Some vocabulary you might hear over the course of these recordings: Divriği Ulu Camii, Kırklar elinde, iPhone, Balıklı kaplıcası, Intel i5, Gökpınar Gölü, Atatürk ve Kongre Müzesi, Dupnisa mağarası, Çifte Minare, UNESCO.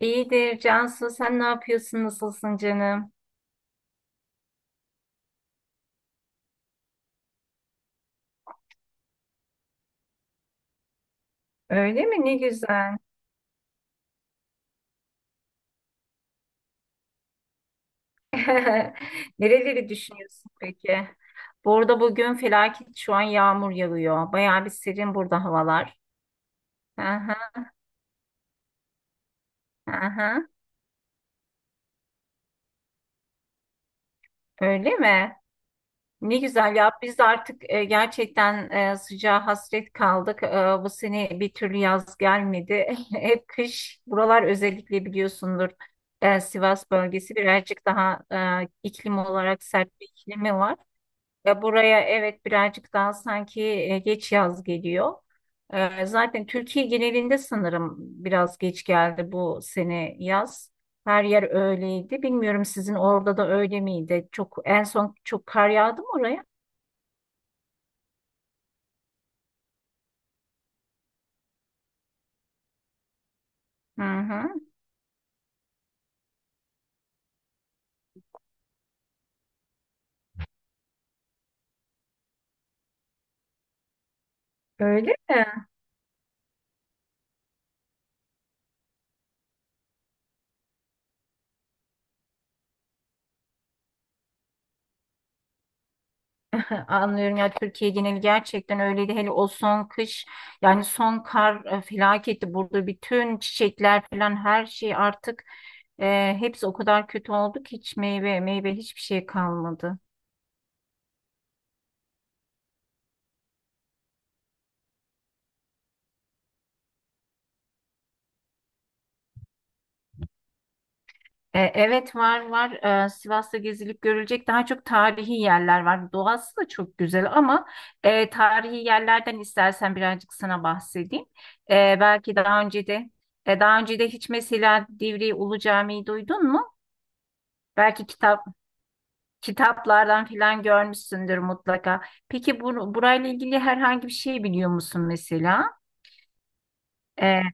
İyidir Cansu, sen ne yapıyorsun, nasılsın canım? Öyle mi? Ne güzel. Nereleri düşünüyorsun peki? Burada bugün felaket şu an yağmur yağıyor. Bayağı bir serin burada havalar. Aha, aha. Öyle mi? Ne güzel ya. Biz de artık gerçekten sıcağa hasret kaldık. Bu sene bir türlü yaz gelmedi. Hep kış. Buralar özellikle biliyorsundur. Sivas bölgesi birazcık daha iklim olarak sert bir iklimi var. Ve buraya evet birazcık daha sanki geç yaz geliyor. Zaten Türkiye genelinde sanırım biraz geç geldi bu sene yaz. Her yer öyleydi. Bilmiyorum sizin orada da öyle miydi? Çok en son çok kar yağdı mı oraya? Hı hı. Öyle mi? Anlıyorum ya, Türkiye geneli gerçekten öyleydi. Hele o son kış, yani son kar felaketti. Burada bütün çiçekler falan her şey artık hepsi o kadar kötü oldu ki hiç meyve, hiçbir şey kalmadı. Evet, var. Sivas'ta gezilip görülecek daha çok tarihi yerler var. Doğası da çok güzel ama tarihi yerlerden istersen birazcık sana bahsedeyim. E, belki daha önce de e, Daha önce de hiç mesela Divriği Ulu Camii'yi duydun mu? Belki kitap, kitaplardan filan görmüşsündür mutlaka. Peki burayla ilgili herhangi bir şey biliyor musun mesela? Ee,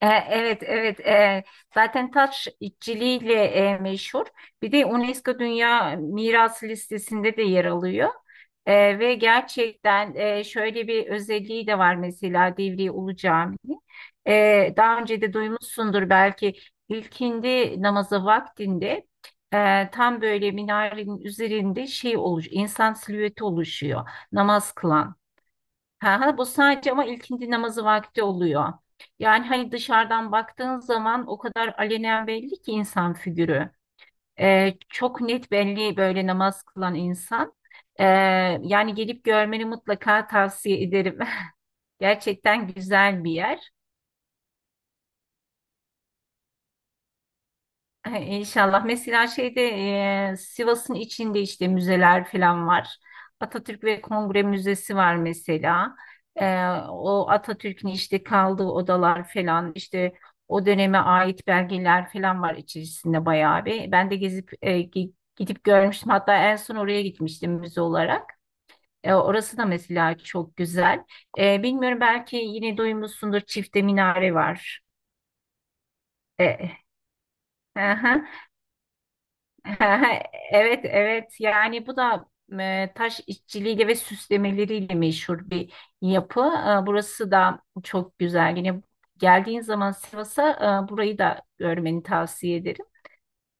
Evet, evet. Zaten taş işçiliğiyle meşhur. Bir de UNESCO Dünya Mirası listesinde de yer alıyor. Ve gerçekten şöyle bir özelliği de var mesela Divriği Ulu Camii. Daha önce de duymuşsundur belki, ilkindi namazı vaktinde tam böyle minarenin üzerinde insan silüeti oluşuyor namaz kılan. Ha, ha, bu sadece ama ilkindi namazı vakti oluyor. Yani hani dışarıdan baktığın zaman o kadar alenen belli ki insan figürü. Çok net belli böyle namaz kılan insan. Ee, Yani gelip görmeni mutlaka tavsiye ederim. Gerçekten güzel bir yer. Ay, İnşallah. Mesela şeyde Sivas'ın içinde işte müzeler falan var. Atatürk ve Kongre Müzesi var mesela. O Atatürk'ün işte kaldığı odalar falan işte o döneme ait belgeler falan var içerisinde bayağı bir. Ben de gezip gidip görmüştüm. Hatta en son oraya gitmiştim müze olarak. Orası da mesela çok güzel. Bilmiyorum, belki yine duymuşsundur, Çifte Minare var. E, Evet, evet. Yani bu da taş işçiliğiyle ve süslemeleriyle meşhur bir yapı. Burası da çok güzel. Yine geldiğin zaman Sivas'a burayı da görmeni tavsiye ederim.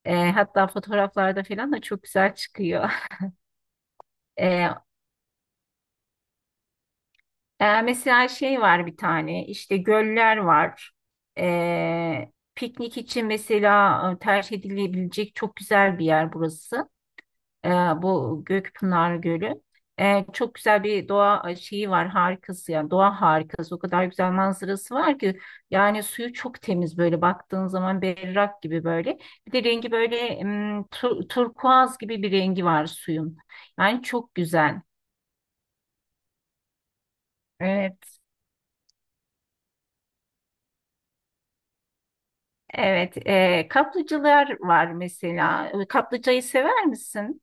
Hatta fotoğraflarda falan da çok güzel çıkıyor. E, Mesela şey var bir tane, işte göller var. Piknik için mesela tercih edilebilecek çok güzel bir yer burası. E, Bu Gökpınar Gölü. Çok güzel bir doğa şeyi var, harikası, yani doğa harikası, o kadar güzel manzarası var ki yani suyu çok temiz, böyle baktığın zaman berrak gibi, böyle bir de rengi böyle turkuaz gibi bir rengi var suyun, yani çok güzel. Evet, evet. Kaplıcalar var mesela. Kaplıcayı sever misin?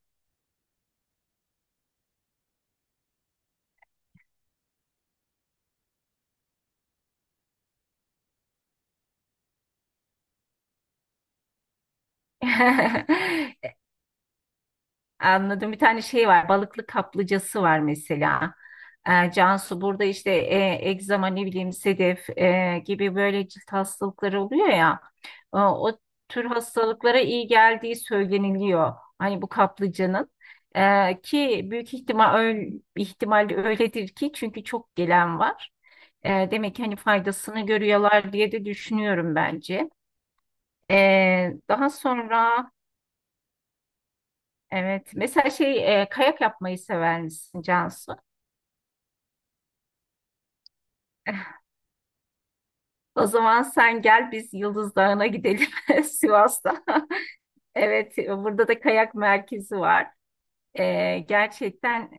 Anladım. Bir tane şey var. Balıklı kaplıcası var mesela. Cansu burada işte egzama, ne bileyim sedef gibi böyle cilt hastalıkları oluyor ya. O tür hastalıklara iyi geldiği söyleniliyor. Hani bu kaplıcanın. Ki büyük ihtimalle öyledir ki çünkü çok gelen var. Demek ki hani faydasını görüyorlar diye de düşünüyorum bence. E, Daha sonra evet mesela şey kayak yapmayı sever misin Cansu? O zaman sen gel, biz Yıldız Dağı'na gidelim Sivas'ta. Evet, burada da kayak merkezi var. Gerçekten.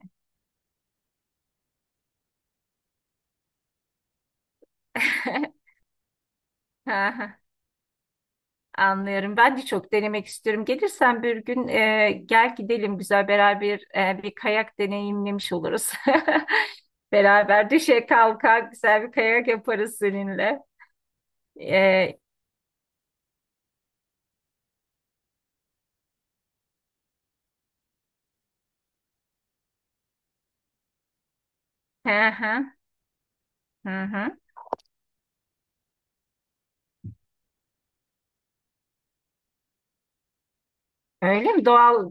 Aha, anlıyorum. Ben de çok denemek istiyorum. Gelirsen bir gün gel gidelim, güzel beraber bir kayak deneyimlemiş oluruz. Beraber düşe kalka güzel bir kayak yaparız seninle. Ee, hı hı, hı hı. Öyle mi? Doğal.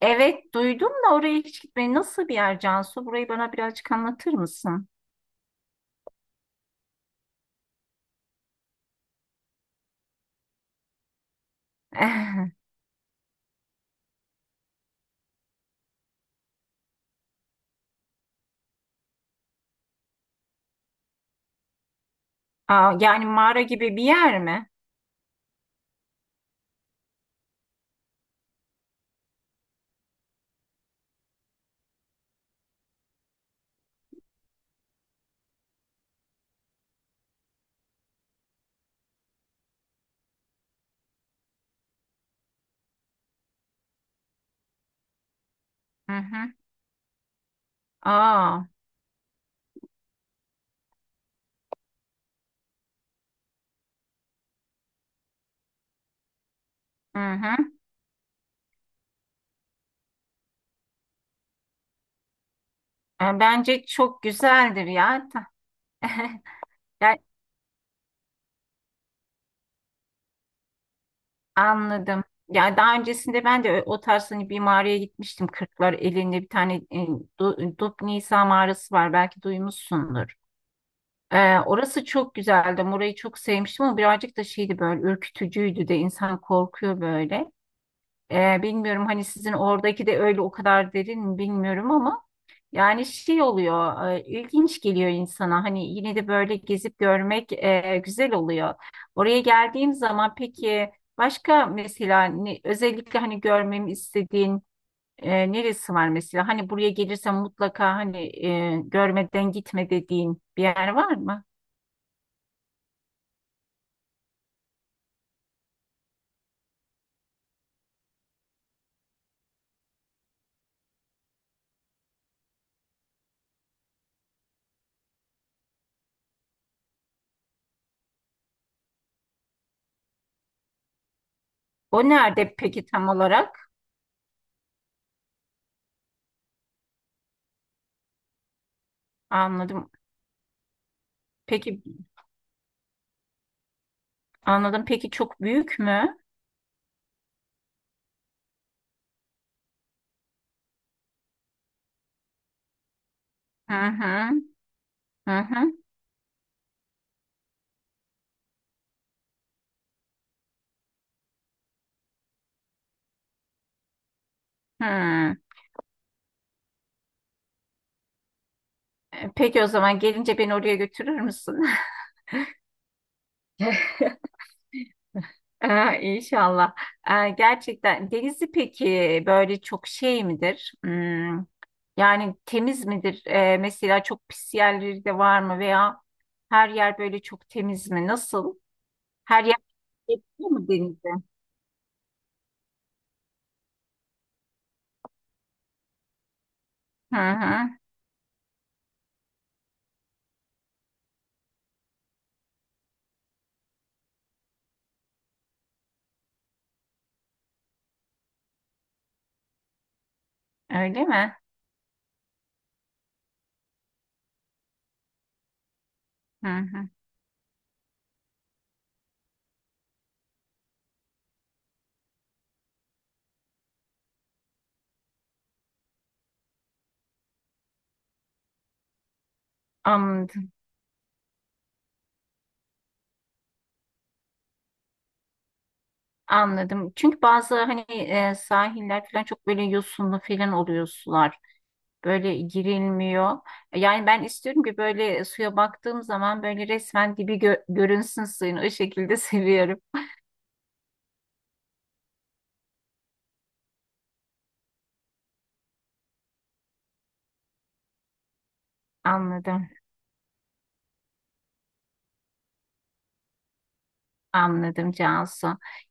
Evet duydum da, oraya hiç gitmeyi, nasıl bir yer Cansu? Burayı bana birazcık anlatır mısın? Aa, yani mağara gibi bir yer mi? Hı hı. Aa, hı hı. Bence çok güzeldir ya. Yani anladım. Ya daha öncesinde ben de o tarz hani bir mağaraya gitmiştim. Kırklar elinde bir tane Dupnisa mağarası var. Belki duymuşsundur. Orası çok güzeldi. Orayı çok sevmiştim ama birazcık da şeydi böyle, ürkütücüydü de, insan korkuyor böyle. Bilmiyorum hani sizin oradaki de öyle o kadar derin mi bilmiyorum ama yani şey oluyor, ilginç geliyor insana, hani yine de böyle gezip görmek güzel oluyor. Oraya geldiğim zaman peki başka mesela özellikle hani görmemi istediğin neresi var mesela? Hani buraya gelirsem mutlaka hani görmeden gitme dediğin bir yer var mı? O nerede peki tam olarak? Anladım. Peki anladım. Peki çok büyük mü? Hı hı. Hı hı. Hmm. Peki o zaman gelince beni oraya götürür müsün? İnşallah. Gerçekten denizi peki böyle çok şey midir? Hmm, yani temiz midir? Mesela çok pis yerleri de var mı, veya her yer böyle çok temiz mi? Nasıl? Her yer etkili mi denize? Hı hı. Öyle mi? Hı hı. Anladım. Anladım. Çünkü bazı hani sahiller falan çok böyle yosunlu falan oluyor sular, böyle girilmiyor. Yani ben istiyorum ki böyle suya baktığım zaman böyle resmen dibi görünsün suyun. O şekilde seviyorum. Anladım. Anladım Cansu.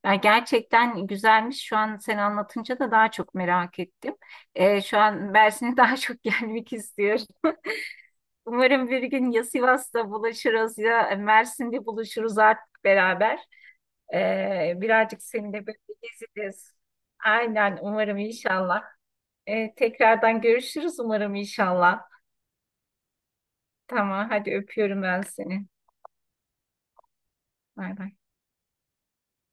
Ya gerçekten güzelmiş. Şu an sen anlatınca da daha çok merak ettim. Şu an Mersin'e daha çok gelmek istiyorum. Umarım bir gün ya Sivas'ta buluşuruz ya Mersin'de buluşuruz artık beraber. Birazcık seninle böyle gezeriz. Aynen umarım inşallah. Tekrardan görüşürüz umarım inşallah. Tamam, hadi öpüyorum ben seni. Bay bay.